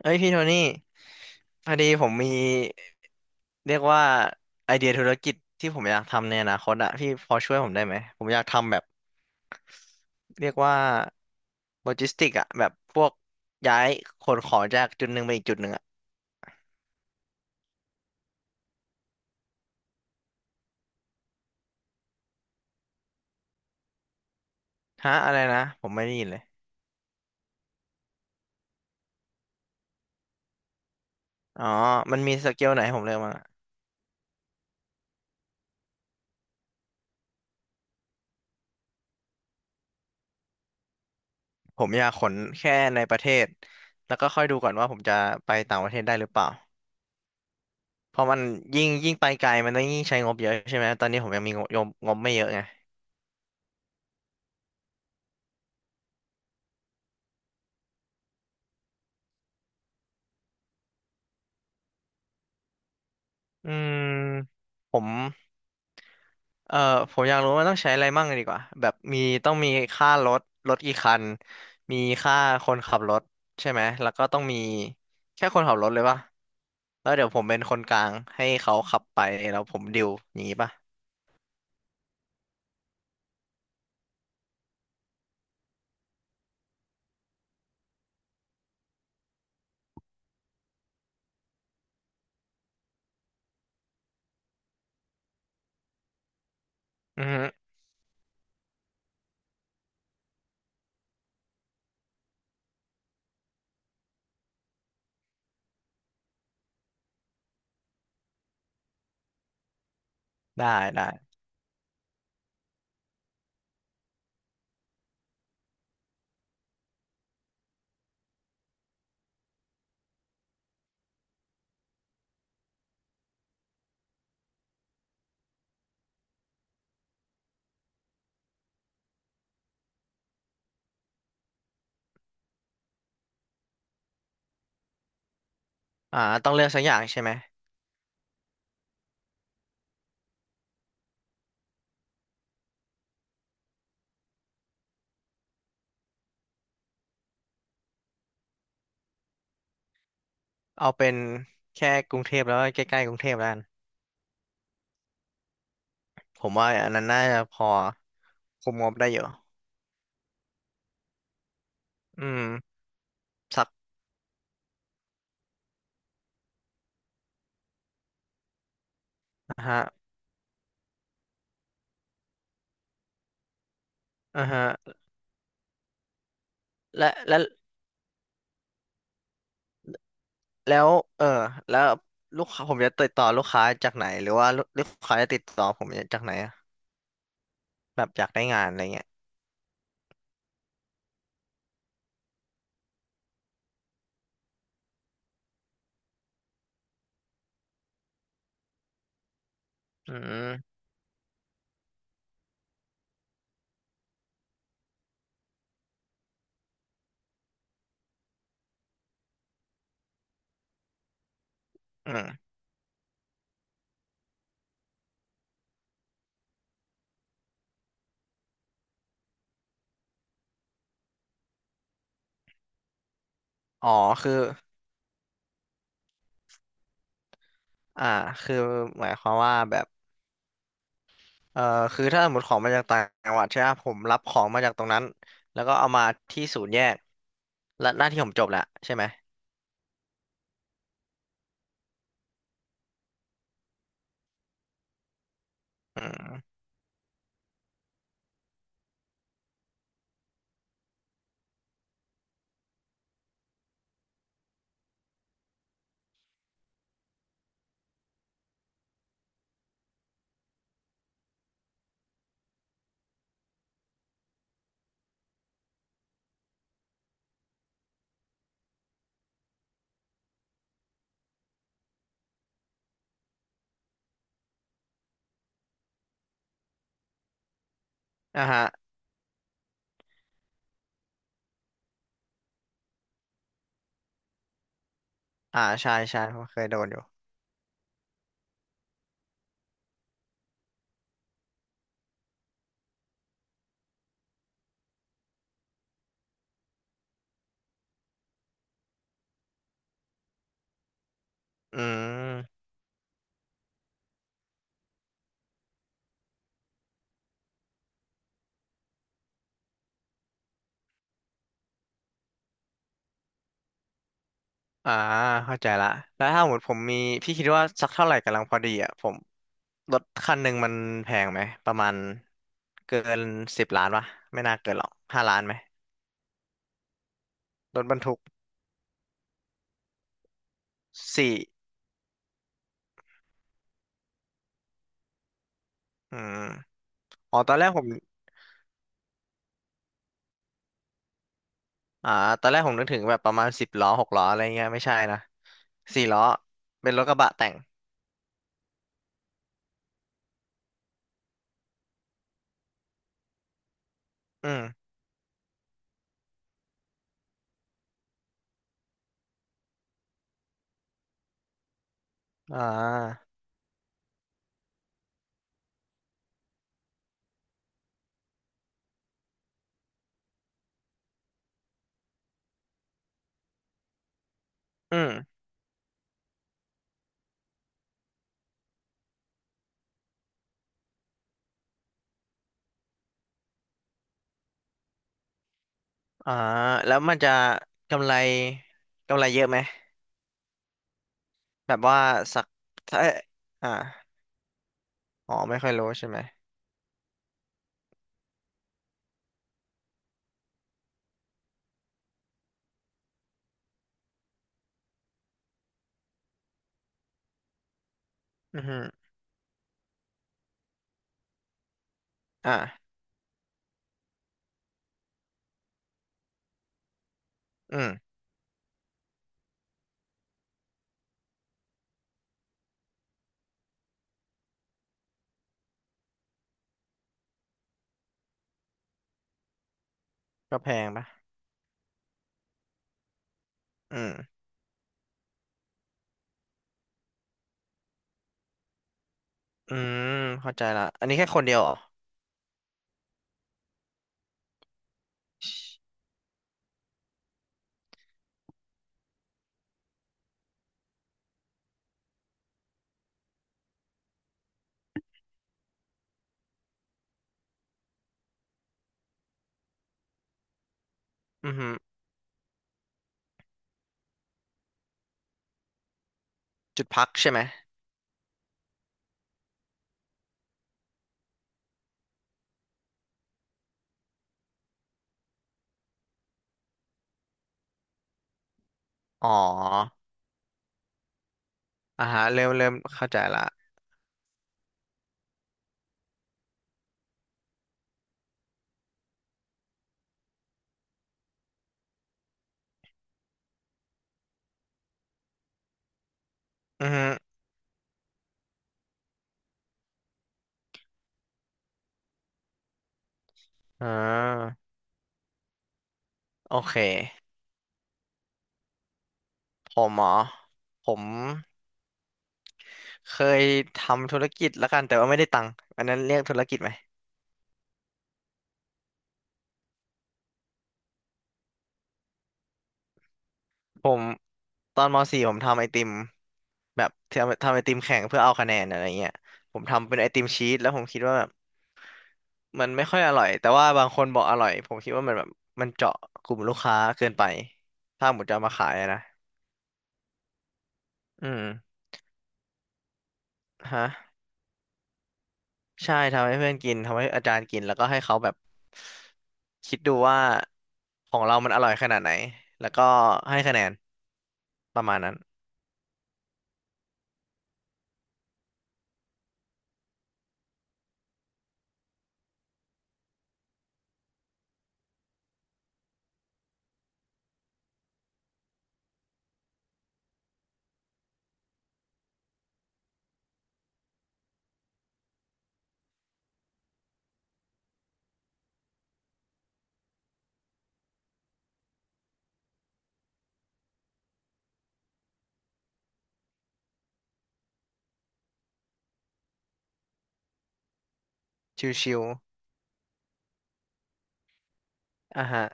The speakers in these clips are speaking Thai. เอ้ยพี่โทนี่พอดีผมมีเรียกว่าไอเดียธุรกิจที่ผมอยากทำในอนาคตอะพี่พอช่วยผมได้ไหมผมอยากทำแบบเรียกว่าโลจิสติกอะแบบพวกย้ายขนของจากจุดหนึ่งไปอีกจุดหนึ่งอะฮะอะไรนะผมไม่ได้ยินเลยอ๋อมันมีสเกลไหนให้ผมเลือกมั้างอะผมอยากขนแค่ในประเทศแล้วก็ค่อยดูก่อนว่าผมจะไปต่างประเทศได้หรือเปล่าเพราะมันยิ่งไปไกลมันต้องยิ่งใช้งบเยอะใช่ไหมตอนนี้ผมยังมีงบไม่เยอะไงอืมผม เอ่อผมอยากรู้ว่ามันต้องใช้อะไรมั่งดีกว่าแบบมีต้องมีค่ารถรถกี่คันมีค่าคนขับรถใช่ไหมแล้วก็ต้องมีแค่คนขับรถเลยป่ะแล้วเดี๋ยวผมเป็นคนกลางให้เขาขับไปแล้วผมดิวอย่างงี้ป่ะอือฮึได้ได้อ่าต้องเลือกสักอย่างใช่ไหมเอาเป็นแค่กรุงเทพแล้วก็ใกล้ๆกรุงเทพแล้วกันผมว่าอันนั้นน่าจะพอคุมงบได้อยู่อืมสักนะฮะอ่าฮะและและ แล้วเออแล้วลูกค้าผมจะติดต่อลูกค้าจากไหนหรือว่าลูกค้าจะติดต่อผมจากไหนอะแบบอยากได้งานอะไรเงี้ยอืมอืมอ๋อคืออ่าคือหมายความว่าแบบเออคือถ้าสมมติของมาจากต่างจังหวัดใช่ไหมผมรับของมาจากตรงนั้นแล้วก็เอามาที่ศูนย์แยกและหน้าที่ผมจบแล้วใช่ไหมอืมอ่าฮะอ่าใช่ใช่ผมเคยโดนอยู่อืมอ่าเข้าใจละแล้วถ้าสมมติผมมีพี่คิดว่าสักเท่าไหร่กำลังพอดีอ่ะผม รถคันหนึ่งมันแพงไหมประมาณเกินสิบล้านปะไม่น่าเกินหรอกห้าล้านไหมรถบรรทุกสี่อืมอ๋อตอนแรกผมอ่าตอนแรกผมนึกถึงแบบประมาณสิบล้อหกล้ออะไรเงี้ยไม่ใช่นะสี่ล้อเป็นรถกระบะแต่งอืมอ่าอืมอ่าแล้วมันจะกำไรเยอะไหมแบบว่าสักถ้าอ่าอ๋อไม่ค่อยรู้ใช่ไหมอือฮึอ่าอืมก็แพงปะอืม อืมเข้าใจละอันนี้แค่คนเดียวเหรอชอือฮึจุดพักใช่ไหมอ๋ออ่าฮะเริ่มเข้าใจละอือฮึอ่าโอเคผมเหรอผมเคยทำธุรกิจละกันแต่ว่าไม่ได้ตังค์อันนั้นเรียกธุรกิจไหมผมตอนม .4 ผมทำไอติมแบบทำไอติมแข่งเพื่อเอาคะแนนอะไรเงี้ยผมทำเป็นไอติมชีสแล้วผมคิดว่าแบบ มันไม่ค่อยอร่อยแต่ว่าบางคนบอกอร่อยผมคิดว่ามันแบบมันเจาะกลุ่มลูกค้าเกินไปถ้าหมดจะเอามาขายอะนะอืมฮะใช่ทำให้เพื่อนกินทำให้อาจารย์กินแล้วก็ให้เขาแบบคิดดูว่าของเรามันอร่อยขนาดไหนแล้วก็ให้คะแนนประมาณนั้นชิวๆอ่ะฮะ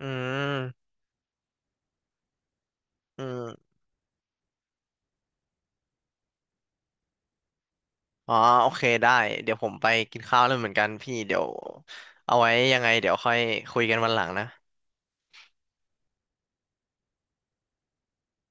อืมอืมอ๋อโอเคได้เดี๋ยวผมไปกินข้าวแล้วเหมือนกันพี่เดี๋ยวเอาไว้ยังไงเดี๋ยวค่อยคุยกันวันหลังนะ